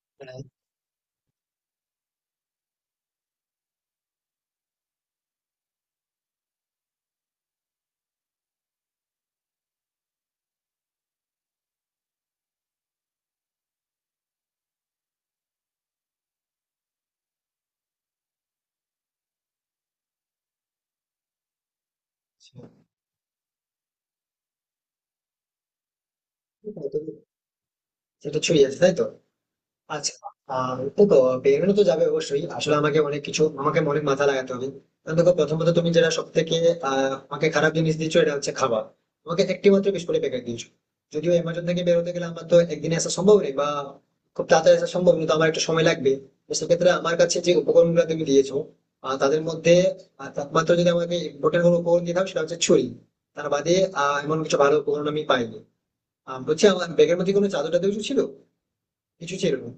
আচ্ছা, সেটাই তো, সেটা ছুঁয়ে যাচ্ছে তাই তো। আচ্ছা। দেখো, বেরোনো তো যাবে অবশ্যই। আসলে আমাকে অনেক কিছু, আমাকে অনেক মাথা লাগাতে হবে। কারণ দেখো, প্রথমত তুমি যেটা সব থেকে আমাকে খারাপ জিনিস দিচ্ছ, এটা হচ্ছে খাবার। আমাকে একটি মাত্র বিস্কুটের প্যাকেট দিয়েছো। যদিও অ্যামাজন থেকে বেরোতে গেলে আমার তো একদিনে আসা সম্ভব নেই বা খুব তাড়াতাড়ি আসা সম্ভব নয়, তো আমার একটু সময় লাগবে। তো সেক্ষেত্রে আমার কাছে যে উপকরণগুলো তুমি দিয়েছো, তাদের মধ্যে একমাত্র যদি আমাকে ইম্পর্টেন্ট কোনো উপকরণ দিয়ে দাও, সেটা হচ্ছে ছুরি। তার বাদে এমন কিছু ভালো উপকরণ আমি পাইনি। বলছি, আমার ব্যাগের মধ্যে কোনো চাদর টাদর কিছু ছিল? কিছু ছিল না।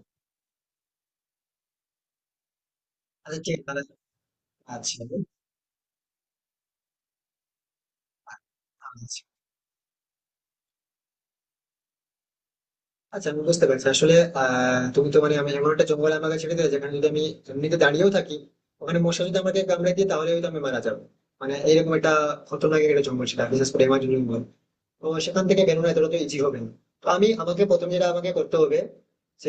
আচ্ছা, ঠিক মানে, আচ্ছা, আচ্ছা। আচ্ছা, আমি বুঝতে পারছি। আসলে তুমি তো মানে আমি এমন একটা জঙ্গলে আমাকে ছেড়ে দিলে, যেখানে যদি আমি এমনিতে দাঁড়িয়েও থাকি, ওখানে মশা যদি আমাকে কামড়ে দিয়ে, তাহলে হয়তো আমি মারা যাবো। মানে এরকম একটা খতরনাক একটা জঙ্গল ছিল, বিশেষ করে এমাজন জঙ্গল। তো সেখান থেকে বেরোনো এতটা তো ইজি হবে না। তো আমি, আমাকে প্রথম যেটা আমাকে করতে হবে যে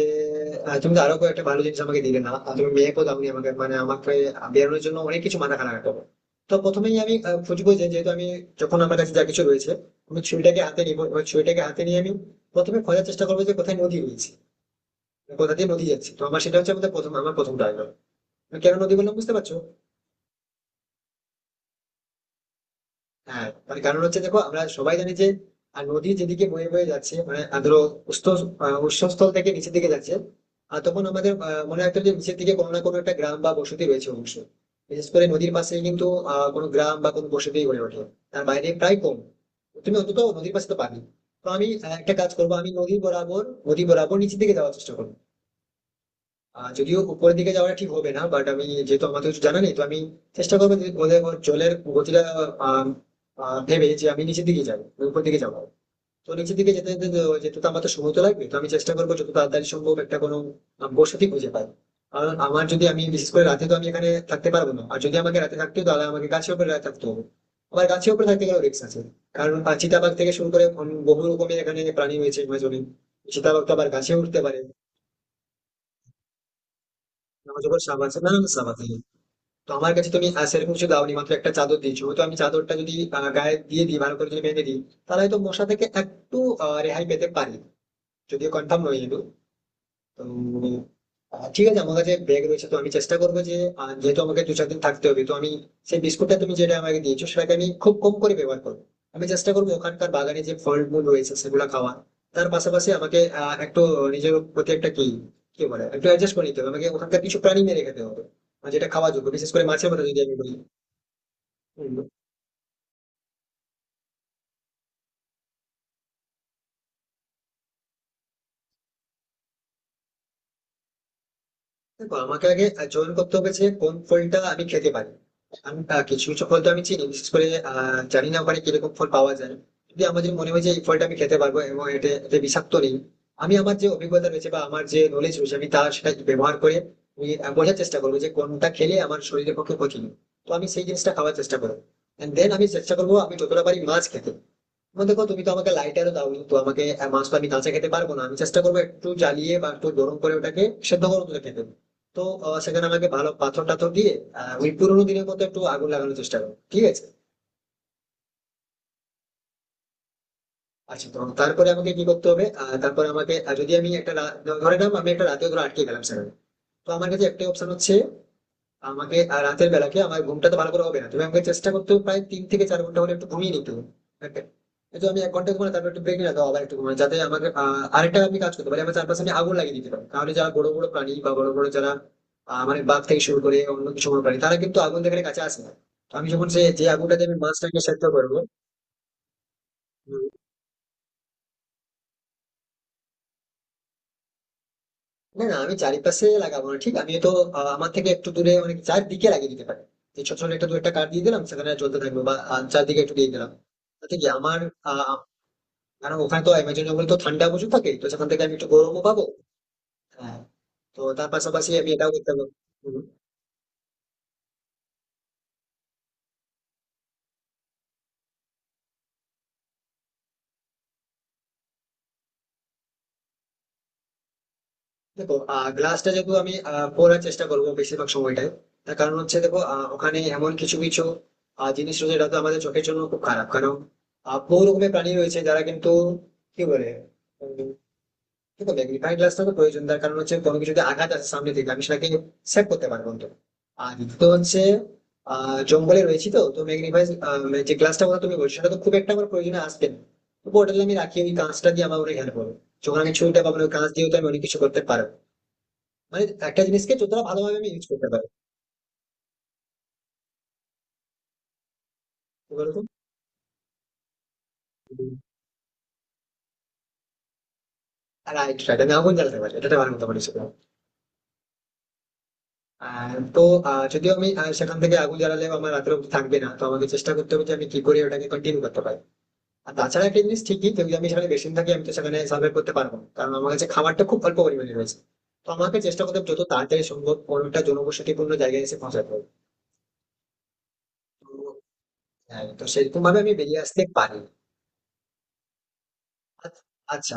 তুমি তো আরো কয়েকটা ভালো জিনিস আমাকে দিলে না, আর তুমি মেয়েকেও দাওনি আমাকে, মানে আমাকে বেরোনোর জন্য অনেক কিছু মাথা খারাপ রাখতে হবে। তো প্রথমেই আমি খুঁজবো যে, যেহেতু আমি, যখন আমার কাছে যা কিছু রয়েছে, আমি ছুরিটাকে হাতে নিবো। এবার ছুরিটাকে হাতে নিয়ে আমি প্রথমে খোঁজার চেষ্টা করবো যে কোথায় নদী রয়েছে, কোথা দিয়ে নদী যাচ্ছে। তো আমার সেটা হচ্ছে, আমাদের প্রথম আমার প্রথম টার্গেট। কেন নদী বললাম, বুঝতে পারছো? হ্যাঁ, মানে কারণ হচ্ছে দেখো, আমরা সবাই জানি যে নদী যেদিকে বয়ে বয়ে যাচ্ছে, মানে ধরো উৎস, উৎসস্থল থেকে নিচের দিকে যাচ্ছে। আর তখন আমাদের মনে রাখতে হবে যে নিচের দিকে কোনো না কোনো একটা গ্রাম বা বসতি রয়েছে অবশ্যই, বিশেষ করে নদীর পাশে। কিন্তু কোনো গ্রাম বা কোনো বসতি গড়ে ওঠে, তার বাইরে প্রায় কম। তুমি অন্তত নদীর পাশে তো পাবে। তো আমি একটা কাজ করবো, আমি নদী বরাবর নিচের দিকে যাওয়ার চেষ্টা করবো। যদিও উপরের দিকে যাওয়া ঠিক হবে না, বাট আমি যেহেতু, আমার তো কিছু জানা নেই, তো আমি চেষ্টা করবো যে ওদের, ওর জলের গতিটা আহ, আহ, ভেবে যে আমি নিচের দিকে যাবো, উপর দিকে যাবো। তো নিচের দিকে যেতে যেতে যেতে তো আমার তো সময় তো লাগবে। তো আমি চেষ্টা করবো যত তাড়াতাড়ি সম্ভব একটা কোনো বসতি খুঁজে পাই। কারণ আমার, যদি আমি বিশেষ করে রাতে তো আমি এখানে থাকতে পারবো না, আর যদি আমাকে রাতে থাকতে হয়, তাহলে আমাকে গাছের উপরে রাতে থাকতে হবে। আবার গাছের উপরে থাকতে গেলেও রিস্ক আছে, কারণ চিতাবাঘ থেকে শুরু করে অন্য বহু রকমের এখানে প্রাণী রয়েছে আমাজনে। চিতাবাঘ তো আবার গাছে উঠতে পারে। আমাজনের সাপ আছে, নানান সাপ আছে। তো আমার কাছে তুমি সেরকম কিছু দাওনি, মাত্র একটা চাদর দিয়েছো। তো আমি চাদরটা যদি গায়ে দিয়ে দিই, ভালো করে যদি বেঁধে দিই, তাহলে হয়তো মশা থেকে একটু রেহাই পেতে পারি, যদিও কনফার্ম নয়। কিন্তু তো ঠিক আছে, আমার কাছে ব্যাগ রয়েছে, তো আমি চেষ্টা করবো যে যেহেতু আমাকে 2-4 দিন থাকতে হবে, তো আমি সেই বিস্কুটটা তুমি যেটা আমাকে দিয়েছো সেটাকে আমি খুব কম করে ব্যবহার করবো। আমি চেষ্টা করবো ওখানকার বাগানে যে ফল মূল রয়েছে সেগুলো খাওয়ার। তার পাশাপাশি আমাকে একটু নিজের প্রতি একটা, কি কি বলে, একটু অ্যাডজাস্ট করে নিতে হবে। আমাকে ওখানকার কিছু প্রাণী মেরে খেতে হবে, আর যেটা খাওয়া যোগ্য, বিশেষ করে মাছের মতো যদি আমি বলি। হুম, দেখো আমাকে আগে চয়ন করতে হবে যে কোন ফলটা আমি খেতে পারি। আমি কিছু কিছু ফল তো আমি চিনি, বিশেষ করে জানি না ওখানে কিরকম ফল পাওয়া যায়। যদি আমার, যদি মনে হয় যে এই ফলটা আমি খেতে পারবো এবং এটা এটা বিষাক্ত নেই, আমি আমার যে অভিজ্ঞতা রয়েছে বা আমার যে নলেজ রয়েছে, আমি তার সেটা ব্যবহার করে আমি বোঝার চেষ্টা করবো যে কোনটা খেলে আমার শরীরের পক্ষে ক্ষতি নেই, তো আমি সেই জিনিসটা খাওয়ার চেষ্টা করবো। দেন আমি চেষ্টা করবো আমি যতটা পারি মাছ খেতে। আমার দেখো, তুমি তো আমাকে লাইটারও দাও, তো আমাকে মাছ তো আমি কাঁচা খেতে পারবো না, আমি চেষ্টা করবো একটু জ্বালিয়ে বা একটু গরম করে ওটাকে সেদ্ধ গরম করে খেতে হবে। তো সেখানে আমাকে ভালো পাথর টাথর দিয়ে ওই পুরোনো দিনের মতো একটু আগুন লাগানোর চেষ্টা করো, ঠিক আছে? আচ্ছা, তো তারপরে আমাকে কি করতে হবে? তারপরে আমাকে যদি আমি একটা ধরে নাও আমি একটা রাতে ধরে আটকে গেলাম সেখানে, তো আমার কাছে একটাই অপশন হচ্ছে, আমাকে আর রাতের বেলাকে আমার ঘুমটা তো ভালো করে হবে না। তুমি আমাকে, চেষ্টা করতে হবে প্রায় 3 থেকে 4 ঘন্টা হলে একটু ঘুমিয়ে নিতে হবে। Okay? এই তো আমি 1 ঘন্টা ঘুমানো, তারপর একটু ব্রেক নিলাম, আবার একটু ঘুমানো, যাতে আমাকে আরেকটা আমি কাজ করতে পারি। আমার চারপাশে আমি আগুন লাগিয়ে দিতে পারি, তাহলে যারা বড় বড় প্রাণী বা বড় বড় যারা মানে বাঘ থেকে শুরু করে অন্য কিছু বড় প্রাণী, তারা কিন্তু আগুন দেখার কাছে আসে না। তো আমি যখন সে, যে আগুনটাতে আমি মাছটাকে সেদ্ধ করবো। উম, না না, আমি চারিপাশে লাগাবো না, ঠিক আমি তো আমার থেকে একটু দূরে অনেক চারদিকে লাগিয়ে দিতে পারি, যে ছোট ছোট একটা দু একটা কাঠ দিয়ে দিলাম সেখানে জ্বলতে থাকবে, বা চারদিকে একটু দিয়ে দিলাম। তাতে কি আমার আহ, কারণ ওখানে তো অ্যামাজন জঙ্গল তো ঠান্ডা প্রচুর থাকে, তো সেখান থেকে আমি একটু গরমও পাবো। হ্যাঁ, তো তার পাশাপাশি আমি এটাও করতে পারবো। হুম। দেখো, গ্লাসটা যেহেতু আমি পরার চেষ্টা করবো বেশিরভাগ সময়টাই, তার কারণ হচ্ছে দেখো, ওখানে এমন কিছু কিছু জিনিস রয়েছে যেটা তো আমাদের চোখের জন্য খুব খারাপ। কারণ বহু রকমের প্রাণী রয়েছে যারা কিন্তু, কি বলে, কিন্তু ম্যাগনিফাইং গ্লাস তো প্রয়োজন। তার কারণ হচ্ছে কোনো কিছুতে আঘাত আছে সামনে থেকে, আমি সেটাকে সেভ করতে পারবো। তো আর দ্বিতীয় হচ্ছে জঙ্গলে রয়েছি, তো তো ম্যাগনিফাই, যে গ্লাসটা কথা তুমি বলছো, সেটা তো খুব একটা আমার প্রয়োজনে আসবে না। তবু ওটা যদি আমি রাখি, ওই কাঁচটা দিয়ে আমার অনেক হেল্প হবে। যখন আমি ছুরিটা পাবো না, ওই কাঁচ দিয়েও তো আমি অনেক কিছু করতে পারবো, মানে একটা জিনিসকে যতটা ভালোভাবে আমি ইউজ করতে পারবো। কি বলতো, আর রাইট রাইট, আমি আগুন জ্বালাতে পারি, এটা একটা ভালো কথা বলেছো তুমি। আর তো যদিও আমি সেখান থেকে আগুন জ্বালালেও আমার রাত্রে অবধি থাকবে না, তো আমাকে চেষ্টা করতে হবে যে আমি কি করে ওটাকে কন্টিনিউ করতে পারি। আর তাছাড়া একটা জিনিস ঠিকই, যদি আমি সেখানে বেশি দিন থাকি, আমি তো সেখানে সার্ভে করতে পারবো না, কারণ আমার কাছে খাবারটা খুব অল্প পরিমাণে রয়েছে। তো আমাকে চেষ্টা করতে হবে যত তাড়াতাড়ি সম্ভব কোনোটা জনবসতিপূর্ণ জায়গায় এসে পৌঁছাতে হবে। তো হ্যাঁ, তো সেরকম ভাবে আমি বেরিয়ে আসতে পারি। আচ্ছা, আচ্ছা,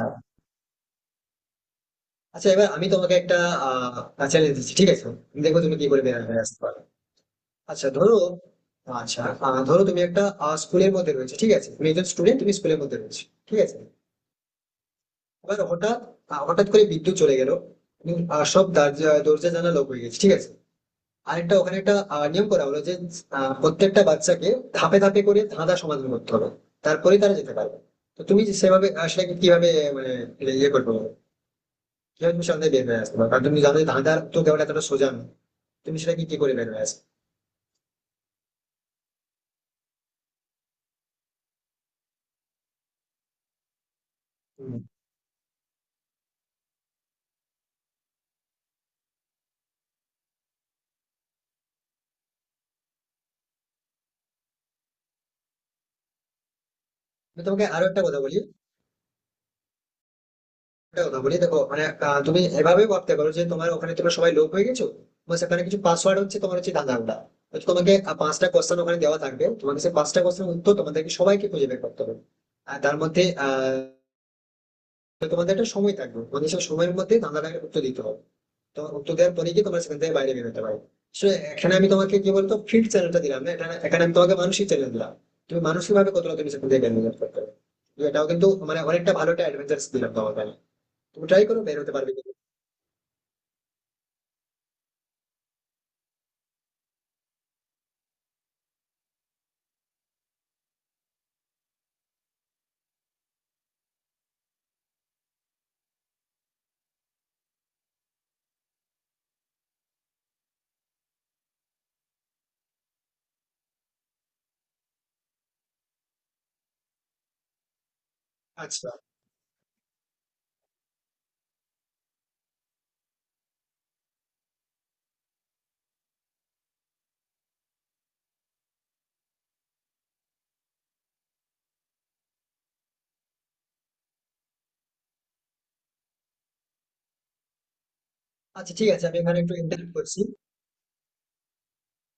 আচ্ছা, এবার আমি তোমাকে একটা চ্যালেঞ্জ দিচ্ছি, ঠিক আছে? দেখো তুমি কি করে বেরিয়ে আসতে পারো। আচ্ছা ধরো, আচ্ছা ধরো তুমি একটা স্কুলের মধ্যে রয়েছে, ঠিক আছে? তুমি একজন স্টুডেন্ট, তুমি স্কুলের মধ্যে রয়েছে, ঠিক আছে? এবার হঠাৎ হঠাৎ করে বিদ্যুৎ চলে গেল, এবং সব দরজা, দরজা জানা লক হয়ে গেছে, ঠিক আছে? আর একটা ওখানে একটা নিয়ম করা হলো যে প্রত্যেকটা বাচ্চাকে ধাপে ধাপে করে ধাঁধা সমাধান করতে হবে, তারপরে তারা যেতে পারবে। তো তুমি যে সেভাবে সেটাকে কিভাবে মানে এটা ইয়ে করবে, কিভাবে তুমি সন্ধ্যায় বের হয়ে আসতে পারবে, কারণ তুমি জানো যে ধাঁধার উত্তর দেওয়াটা এতটা সোজা নয়। তুমি সেটাকে কি করে বের হয়ে আসবে? হুম। আমি তোমাকে আরো একটা কথা বলি, দেখো মানে তুমি এভাবেই ভাবতে পারো যে তোমার ওখানে তোমরা সবাই লোক হয়ে গেছো। তোমার সেখানে কিছু পাসওয়ার্ড হচ্ছে, তোমার হচ্ছে ধাঁধাটা। হয়তো তোমাকে 5টা কোশ্চেন ওখানে দেওয়া থাকবে, তোমাকে সেই 5টা কোশ্চেন উত্তর তোমাদেরকে সবাইকে খুঁজে বের করতে হবে। আর তার মধ্যে তোমাদের একটা সময় থাকবে, তোমাদের সেই সময়ের মধ্যে ধাঁধাটাকে উত্তর দিতে হবে। তো উত্তর দেওয়ার পরে গিয়ে তোমরা সেখান থেকে বাইরে বেরোতে পারো। So, এখানে আমি তোমাকে কি বলতো ফিল্ড চ্যানেলটা দিলাম না, এখানে এখানে আমি তোমাকে মানসিক চ্যানেল দিলাম। তুমি মানসিক ভাবে কতটা তুমি সেখান থেকে বের করতে পারবে। তো এটাও কিন্তু মানে অনেকটা ভালো একটা অ্যাডভেঞ্চার দিলাম তোমাকে আমি। তুমি ট্রাই করো বের হতে পারবে কিনা। আচ্ছা, আচ্ছা, ঠিক আছে।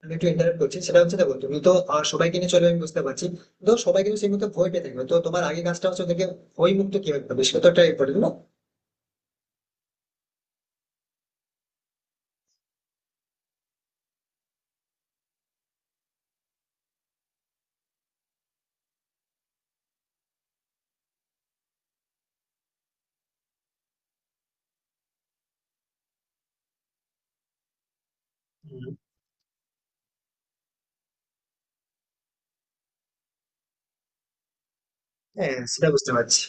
আমি একটু ইন্টারেক্ট করছি। সেটা হচ্ছে দেখো, তুমি তো সবাইকে নিয়ে চলে, আমি বুঝতে পারছি। তো সবাই কিন্তু সেই মতো ভয় পেয়ে থাকবে, তো তোমার আগে কাজটা হচ্ছে ওদেরকে ভয় মুক্ত কিভাবে করবে, সেটা তো ট্রাই করবে না? হুম, হ্যাঁ সেটা বুঝতে পারছি।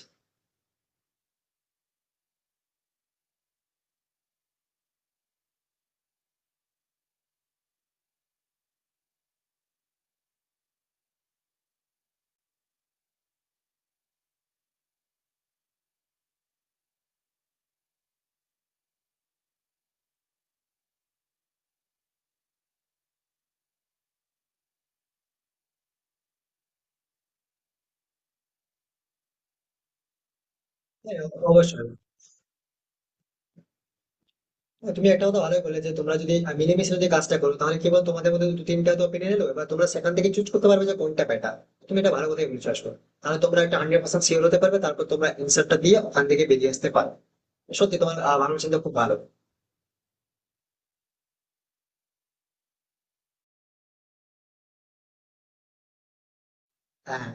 হ্যাঁ, অবশ্যই। হ্যাঁ, তুমি একটা কথা ভালোই বলে যে তোমরা যদি মিলেমিশে যদি কাজটা করো, তাহলে কি বল, তোমাদের মধ্যে দু তিনটা তো পেরে এলো, এবার তোমরা সেখান থেকে চুজ করতে পারবে যে কোনটা বেটার। তুমি এটা ভালো কথাই বলছো আসলে। তাহলে তোমরা একটা 100% শিওর হতে পারবে, তারপর তোমরা অ্যান্সারটা দিয়ে ওখান থেকে বেরিয়ে আসতে পারো। সত্যি তোমার ভাবনা চিন্তা খুব ভালো। হ্যাঁ